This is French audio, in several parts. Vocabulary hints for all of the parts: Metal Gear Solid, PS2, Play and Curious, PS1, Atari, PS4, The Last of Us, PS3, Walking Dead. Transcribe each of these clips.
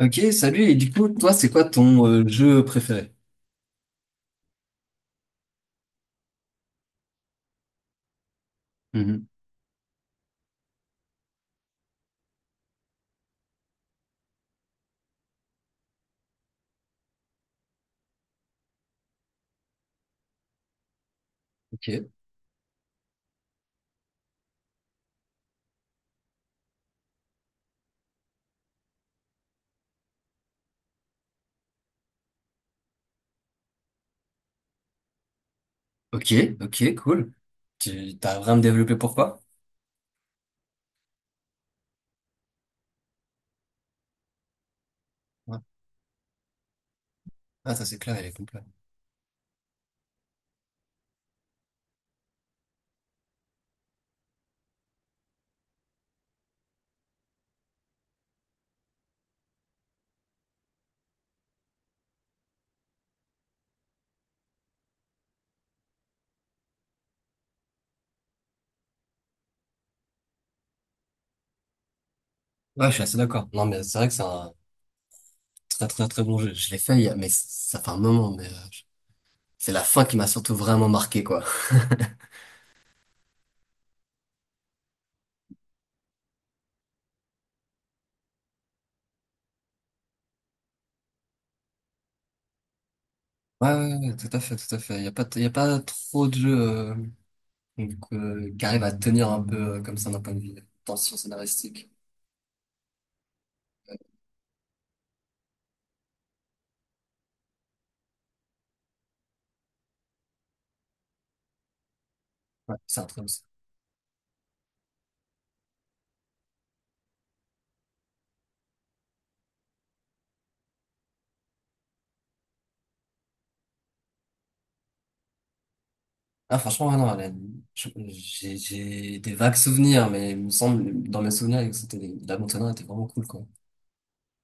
Ok, salut. Et du coup, toi, c'est quoi ton jeu préféré? Mhm. Ok, ok, ok, cool. Tu t'as vraiment développé pourquoi? Ouais. Ah, ça c'est clair, il est complet. Ouais, je suis assez d'accord. Non, mais c'est vrai que c'est un très très très bon jeu. Je l'ai fait, mais ça fait un moment. Mais c'est la fin qui m'a surtout vraiment marqué, quoi. Ouais, ouais, ouais, tout à fait, tout à fait. Il y a pas trop de jeux donc, qui arrivent à tenir un peu comme ça d'un point de vue tension scénaristique. Ouais, c'est un truc. Ah, franchement, ah non, j'ai des vagues souvenirs, mais il me semble, dans mes souvenirs, que c'était, la Montana était vraiment cool, quoi.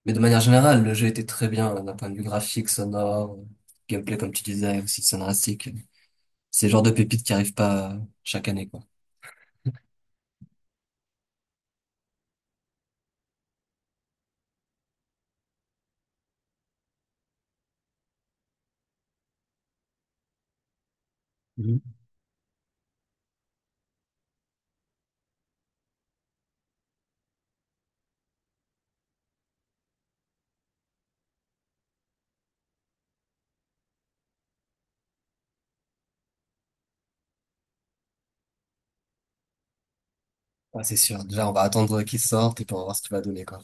Mais de manière générale, le jeu était très bien, d'un point de vue graphique, sonore, gameplay, comme tu disais, aussi scénaristique. C'est le genre de pépite qui arrive pas chaque année, quoi. Mhm. Ah, c'est sûr. Déjà, on va attendre qu'il sorte et puis on va voir ce qu'il va donner, quoi.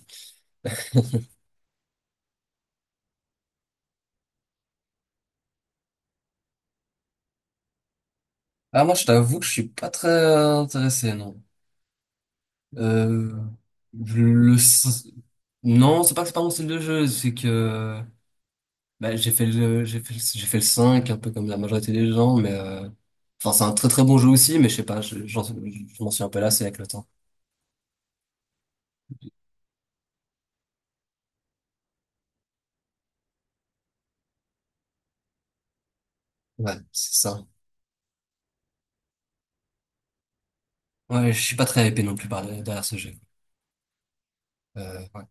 Ah, moi, je t'avoue que je suis pas très intéressé, non. Euh, le, Non, c'est pas que c'est pas mon style de jeu, c'est que bah, j'ai fait le 5 un peu comme la majorité des gens mais enfin c'est un très très bon jeu aussi mais je sais pas, je m'en suis un peu lassé avec le temps. Ouais, c'est ça. Ouais, je suis pas très hypé non plus par derrière ce jeu. Ouais.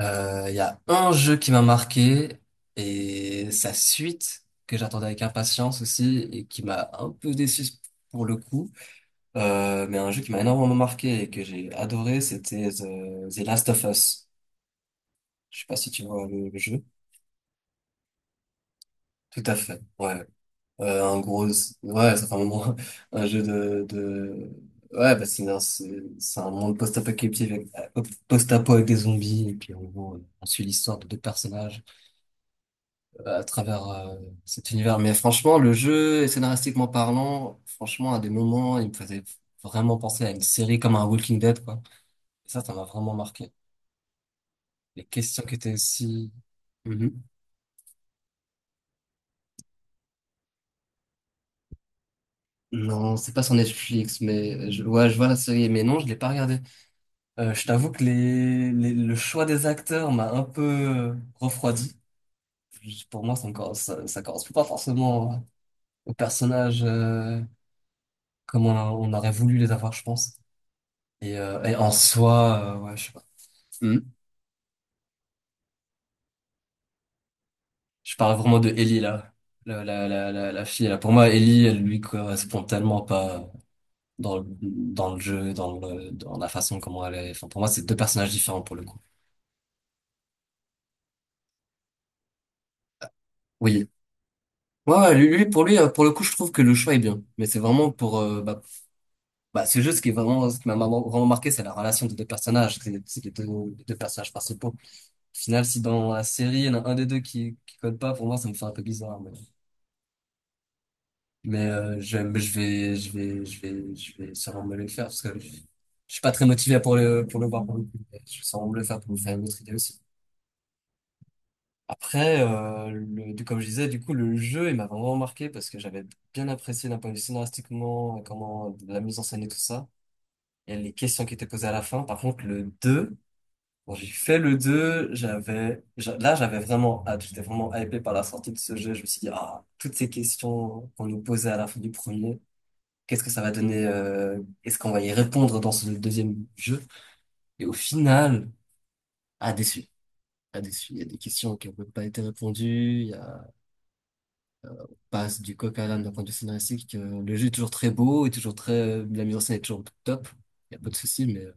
Il y a un jeu qui m'a marqué et sa suite que j'attendais avec impatience aussi et qui m'a un peu déçu pour le coup. Mais un jeu qui m'a énormément marqué et que j'ai adoré, c'était The Last of Us. Je sais pas si tu vois le jeu. Tout à fait. Ouais. Un gros. Ouais, ça fait un moment. Un jeu de... Ouais, bah c'est un monde post-apocalyptique avec, post-apo avec des zombies. Et puis en gros, on suit l'histoire de deux personnages à travers cet univers. Mais franchement, le jeu, scénaristiquement parlant, franchement, à des moments, il me faisait vraiment penser à une série comme un Walking Dead, quoi. Et ça m'a vraiment marqué. Les questions qui étaient aussi... Non, c'est pas sur Netflix, mais ouais, je vois la série, mais non, je l'ai pas regardée. Je t'avoue que le choix des acteurs m'a un peu refroidi. Juste pour moi, ça correspond pas forcément aux personnages comme on aurait voulu les avoir, je pense. Et en soi, ouais, je sais pas. Hmm. Je parle vraiment de Ellie là, la fille là. Pour moi, Ellie, elle lui correspond tellement pas dans le jeu, dans la façon comment elle est. Enfin, pour moi, c'est deux personnages différents pour le coup. Oui, ouais, ouais, pour lui, pour le coup, je trouve que le choix est bien. Mais c'est vraiment pour, bah, bah, c'est juste ce qui m'a vraiment vraiment marqué, c'est la relation des deux personnages, c'est les deux personnages principaux. Au final, si dans la série, il y en a un des deux qui code pas, pour moi, ça me fait un peu bizarre. Mais je vais sûrement me le faire parce que je suis pas très motivé pour pour le voir pour le coup. Mais je vais sûrement me le faire pour me faire une autre idée aussi. Après, comme je disais, du coup, le jeu, il m'a vraiment marqué parce que j'avais bien apprécié d'un point de vue scénaristiquement, comment la mise en scène et tout ça, et les questions qui étaient posées à la fin. Par contre, le 2 quand j'ai fait le 2 là, j'avais vraiment hâte, j'étais vraiment hypé par la sortie de ce jeu. Je me suis dit, ah, toutes ces questions qu'on nous posait à la fin du premier, qu'est-ce que ça va donner, est-ce qu'on va y répondre dans ce deuxième jeu? Et au final, ah, déçu. Ah, déçu. Il y a des questions qui n'ont même pas été répondues. Passe du coq à l'âne d'un point de vue scénaristique. Le jeu est toujours très beau est toujours très, la mise en scène est toujours top. Il n'y a pas de souci, mais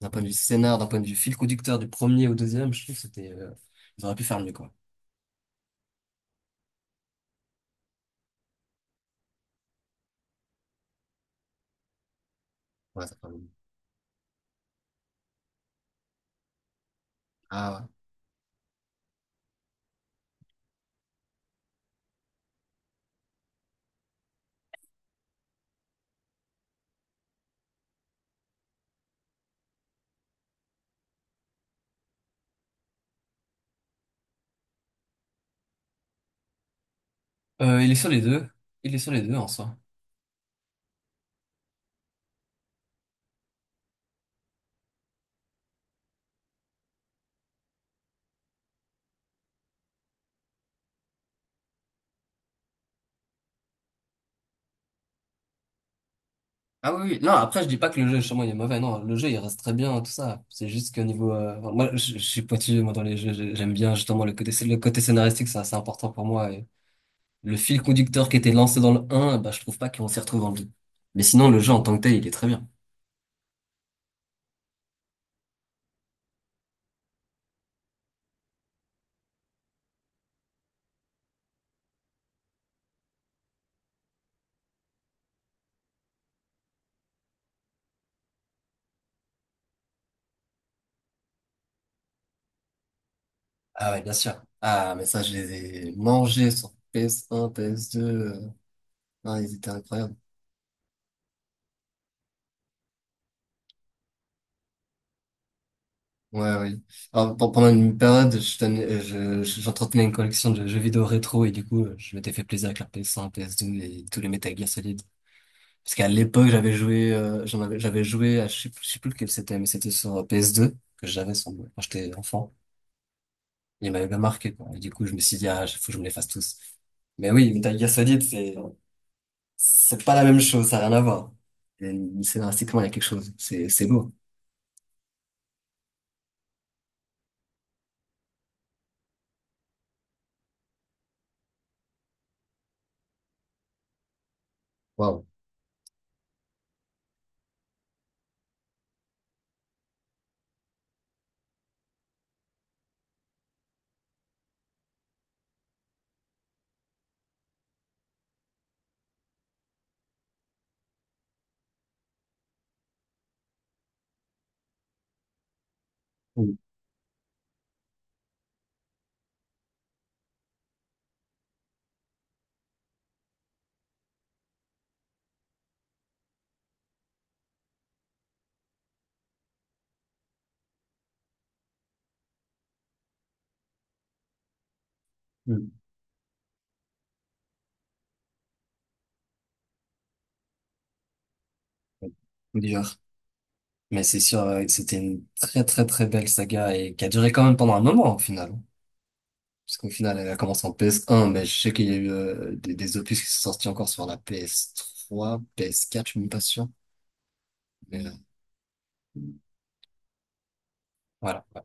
d'un point de vue scénar, d'un point de vue fil conducteur du premier au deuxième, je trouve que c'était, ils auraient pu faire mieux, quoi. Voilà, ça fait un moment. Ah ouais. Il est sur les deux. Il est sur les deux en soi. Ah oui, oui. Non, après, je dis pas que le jeu, chez moi, il est mauvais. Non, le jeu, il reste très bien, tout ça. C'est juste qu'au niveau, enfin, moi, je suis pointilleux, moi, dans les jeux. J'aime bien, justement, le côté scénaristique, c'est assez important pour moi. Et le fil conducteur qui était lancé dans le un, bah, je trouve pas qu'on s'y retrouve dans le 2. Mais sinon, le jeu en tant que tel, il est très bien. Ah ouais, bien sûr. Ah, mais ça, je les ai mangés sur PS1, PS2. Ah, ils étaient incroyables. Ouais, ouais. Alors, pendant une période, j'entretenais une collection de jeux vidéo rétro et du coup, je m'étais fait plaisir avec la PS1, PS2 et tous les Metal Gear Solid. Parce qu'à l'époque, j'avais joué à, je sais plus lequel c'était, mais c'était sur PS2 que j'avais quand j'étais enfant. Il m'avait bien marqué, quoi. Et du coup, je me suis dit, ah, faut que je me les fasse tous. Mais oui, Metal Gear Solid, c'est pas la même chose, ça n'a rien à voir. Et scénaristiquement, il y a quelque chose. C'est beau. Waouh. Oui. Oui. Coup dur. Mais c'est sûr, que c'était une très, très, très belle saga et qui a duré quand même pendant un moment, au final. Parce qu'au final, elle a commencé en PS1, mais je sais qu'il y a eu des opus qui sont sortis encore sur la PS3, PS4, je suis même pas sûr. Mais voilà. Ouais.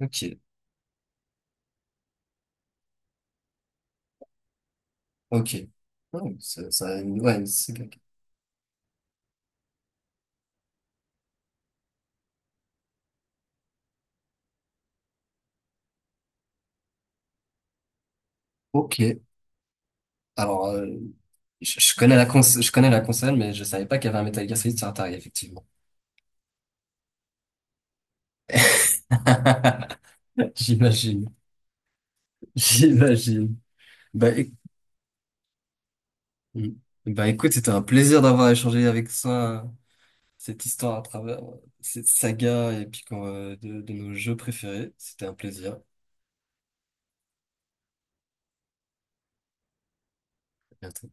Ok, ok. Oh, ça a ouais, une saga. Ok. Alors, je connais la console, mais je savais pas qu'il y avait un Metal Gear Solid sur Atari, effectivement. J'imagine. J'imagine. Bah, bah écoute, c'était un plaisir d'avoir échangé avec toi. Cette histoire à travers cette saga et puis de nos jeux préférés. C'était un plaisir. À bientôt.